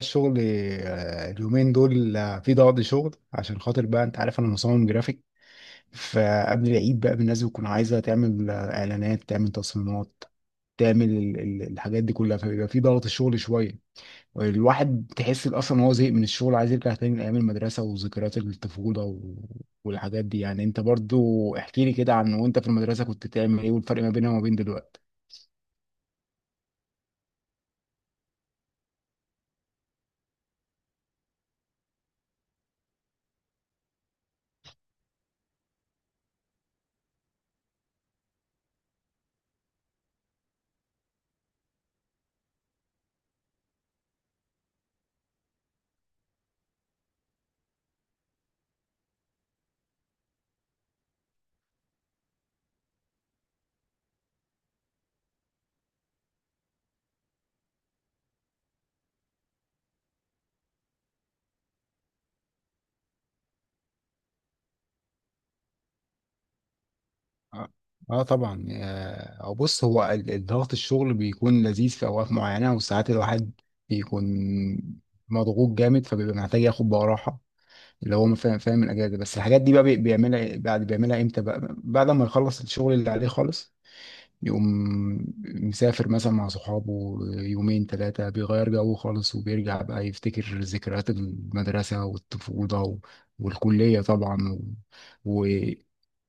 الشغل. اليومين دول في ضغط شغل عشان خاطر بقى، انت عارف انا مصمم جرافيك. فقبل العيد بقى الناس بتكون عايزه تعمل اعلانات، تعمل تصميمات، تعمل الحاجات دي كلها، فبيبقى في ضغط شغل شويه. الواحد تحس اصلا ان هو زهق من الشغل، عايز يرجع تاني لايام المدرسه وذكريات الطفوله والحاجات دي، يعني انت برضو احكي لي كده، عن وانت في المدرسه كنت بتعمل ايه، والفرق ما بينها وما بين دلوقتي؟ اه، آه طبعا. هو بص، هو الضغط الشغل بيكون لذيذ في اوقات معينه، وساعات الواحد بيكون مضغوط جامد، فبيبقى محتاج ياخد بقى راحه، اللي هو فاهم الاجازه. بس الحاجات دي بقى بيعملها بعد، بيعملها امتى بقى؟ بعد ما يخلص الشغل اللي عليه خالص، يقوم مسافر مثلا مع صحابه يومين ثلاثه، بيغير جو خالص، وبيرجع بقى يفتكر ذكريات المدرسه والطفوله والكليه طبعا و...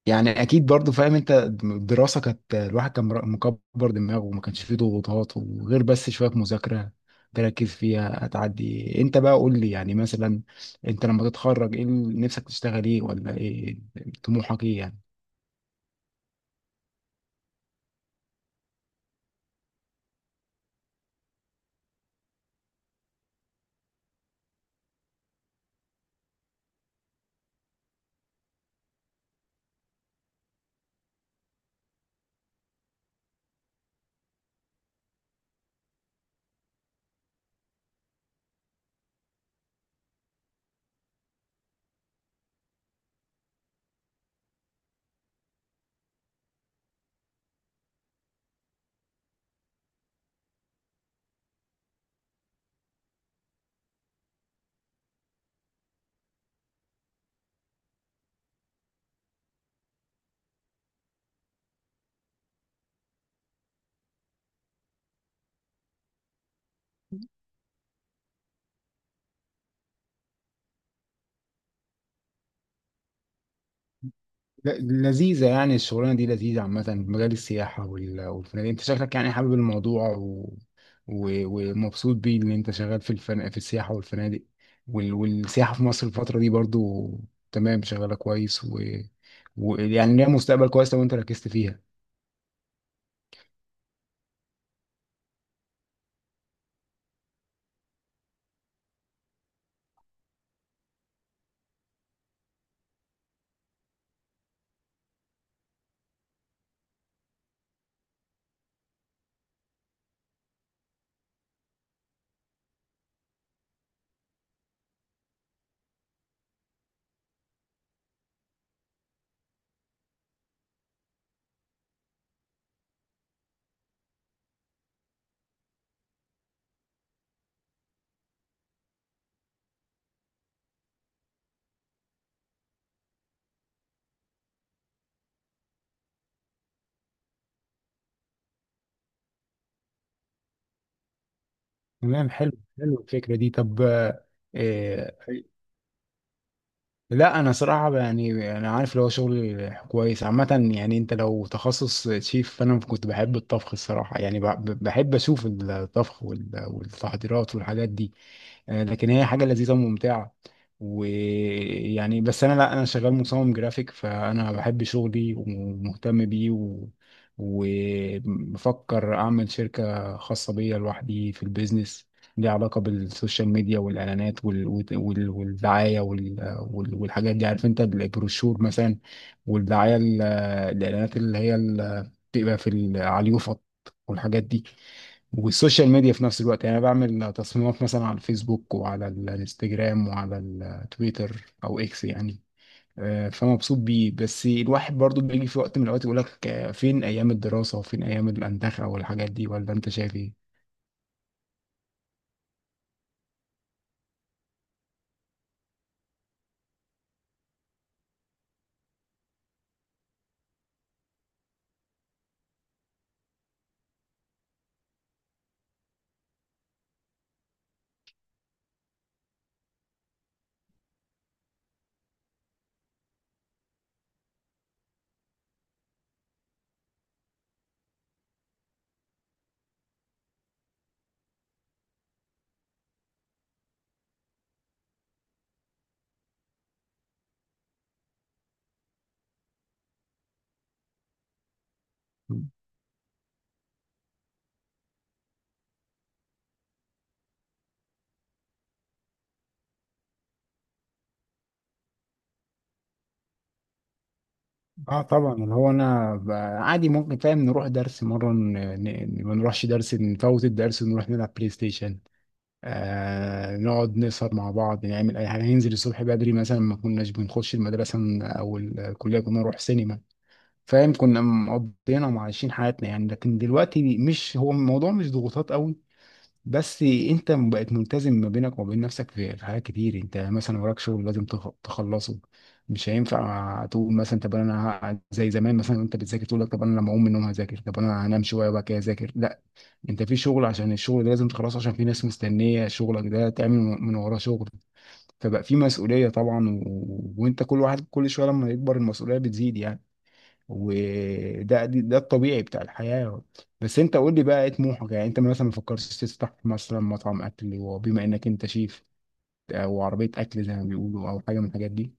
يعني اكيد برضو فاهم انت. الدراسه كانت، الواحد كان مكبر دماغه، وما كانش فيه ضغوطات، وغير بس شويه مذاكره تركز فيها هتعدي. انت بقى قول لي يعني، مثلا انت لما تتخرج ايه اللي نفسك تشتغل، ايه ولا ايه طموحك ايه يعني؟ لذيذة يعني، الشغلانة دي لذيذة عامة، مجال السياحة والفنادق، انت شكلك يعني حابب الموضوع و... ومبسوط بيه ان انت شغال في السياحة والفنادق، والسياحة في مصر الفترة دي برضو تمام، شغالة كويس ويعني ليها مستقبل كويس لو انت ركزت فيها. تمام، حلو. حلو الفكرة دي. طب، آه، لا، انا صراحه يعني، انا عارف اللي هو شغل كويس عامه، يعني انت لو تخصص شيف، فانا كنت بحب الطبخ الصراحه يعني، بحب اشوف الطبخ والتحضيرات والحاجات دي. لكن هي حاجة لذيذة وممتعة، ويعني بس انا، لا، انا شغال مصمم جرافيك، فانا بحب شغلي ومهتم بيه وبفكر اعمل شركة خاصة بيا لوحدي في البيزنس، ليها علاقة بالسوشيال ميديا والإعلانات والدعاية والحاجات دي، عارف أنت، البروشور مثلا، والدعاية الإعلانات اللي هي بتبقى على اليوفط والحاجات دي، والسوشيال ميديا في نفس الوقت، يعني انا بعمل تصميمات مثلا على الفيسبوك وعلى الانستجرام وعلى التويتر او اكس يعني. فمبسوط بيه. بس الواحد برضو بيجي في وقت من الاوقات يقول لك فين ايام الدراسة، وفين ايام الاندخة والحاجات دي، ولا انت شايف ايه؟ اه طبعا، اللي هو انا عادي، ممكن فاهم، نروح درس مره، ما نروحش درس، نفوت الدرس ونروح نلعب بلاي ستيشن، نقعد نسهر مع بعض، نعمل اي حاجه، ننزل الصبح بدري، مثلا ما كناش بنخش المدرسه، او الكليه، كنا نروح سينما، فاهم، كنا مقضينا وعايشين حياتنا يعني. لكن دلوقتي مش هو الموضوع، مش ضغوطات قوي، بس انت بقت ملتزم ما بينك وما بين نفسك في حاجات كتير. انت مثلا وراك شغل لازم تخلصه، مش هينفع تقول مثلا طب انا زي زمان مثلا، انت بتذاكر تقول لك طب انا لما اقوم من النوم هذاكر، طب انا هنام شويه وبعد كده اذاكر، لا، انت في شغل، عشان الشغل ده لازم تخلصه، عشان في ناس مستنيه شغلك ده تعمل من وراه شغل. فبقى في مسؤوليه طبعا، وانت كل واحد كل شويه لما يكبر المسؤوليه بتزيد يعني، وده ده الطبيعي بتاع الحياه. بس انت قول لي بقى ايه طموحك يعني، انت مثلا ما فكرتش تفتح مثلا مطعم اكل، وبما انك انت شيف، او عربيه اكل زي ما بيقولوا، او حاجه من الحاجات دي؟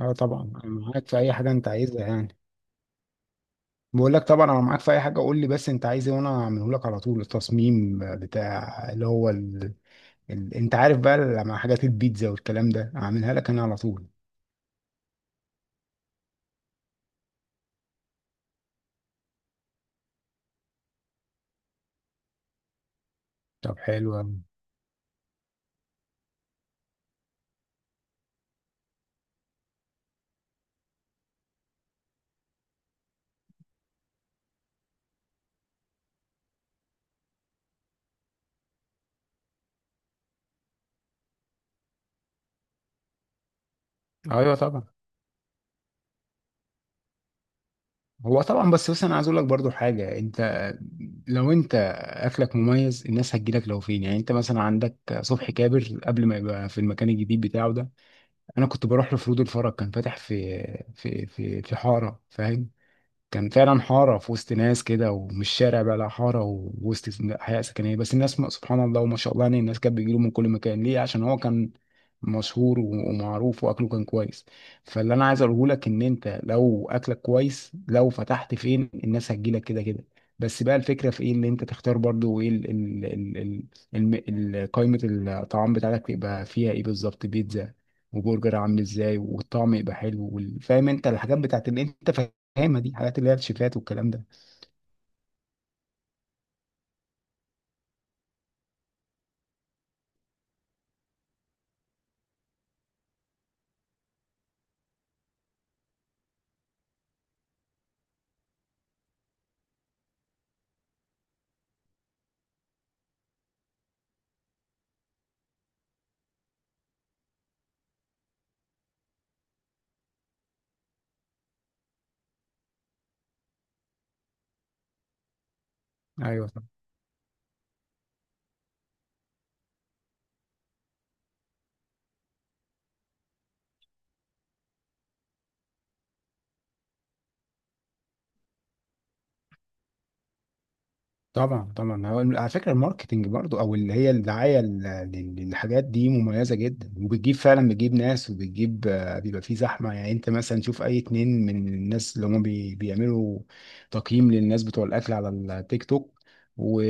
اه طبعا، انا معاك في اي حاجه انت عايزها يعني. بقول لك، طبعا انا معاك في اي حاجه، قول لي بس انت عايز ايه وانا اعمله لك على طول، التصميم بتاع اللي هو انت عارف بقى، لما حاجات البيتزا والكلام ده اعملها لك انا على طول. طب حلو أوي. ايوه طبعا. هو طبعا، بس انا عايز اقول لك برضو حاجه، انت لو انت اكلك مميز، الناس هتجيلك لو فين، يعني. انت مثلا عندك صبحي كابر، قبل ما يبقى في المكان الجديد بتاعه ده، انا كنت بروح له في رود الفرج، كان فاتح في حاره، فاهم، كان فعلا حارة في وسط ناس كده، ومش شارع بقى، لا، حارة ووسط حياة سكنية. بس الناس سبحان الله وما شاء الله، يعني الناس كانت بتجيله من كل مكان، ليه؟ عشان هو كان مشهور ومعروف، واكله كان كويس. فاللي انا عايز اقوله لك، ان انت لو اكلك كويس، لو فتحت فين الناس هتجيلك كده كده. بس بقى الفكرة في ايه؟ ان انت تختار برضو ايه، ال ال ال قائمة الطعام بتاعتك يبقى فيها ايه بالظبط، بيتزا وبرجر عامل ازاي، والطعم يبقى حلو، فاهم انت الحاجات بتاعت اللي انت، الخامه دي، حاجات اللي هي الشيكات والكلام ده. ايوه طبعا، طبعا، طبعا. هو على فكره الماركتنج برضو، او اللي هي الدعايه للحاجات دي مميزه جدا، وبتجيب فعلا، بتجيب ناس، وبتجيب بيبقى في زحمه يعني. انت مثلا شوف اي اتنين من الناس اللي هم بيعملوا تقييم للناس بتوع الاكل على التيك توك و...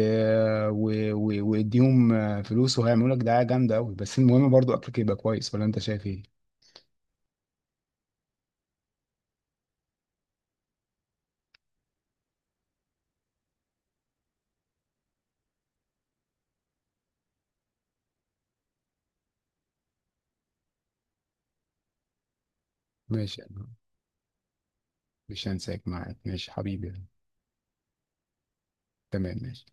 واديهم فلوس، وهيعملوا لك دعايه جامده قوي، بس المهم برضو اكلك يبقى كويس، ولا انت شايف ايه؟ ماشي. مش هنساك، معاك ماشي حبيبي. تمام، ماشي.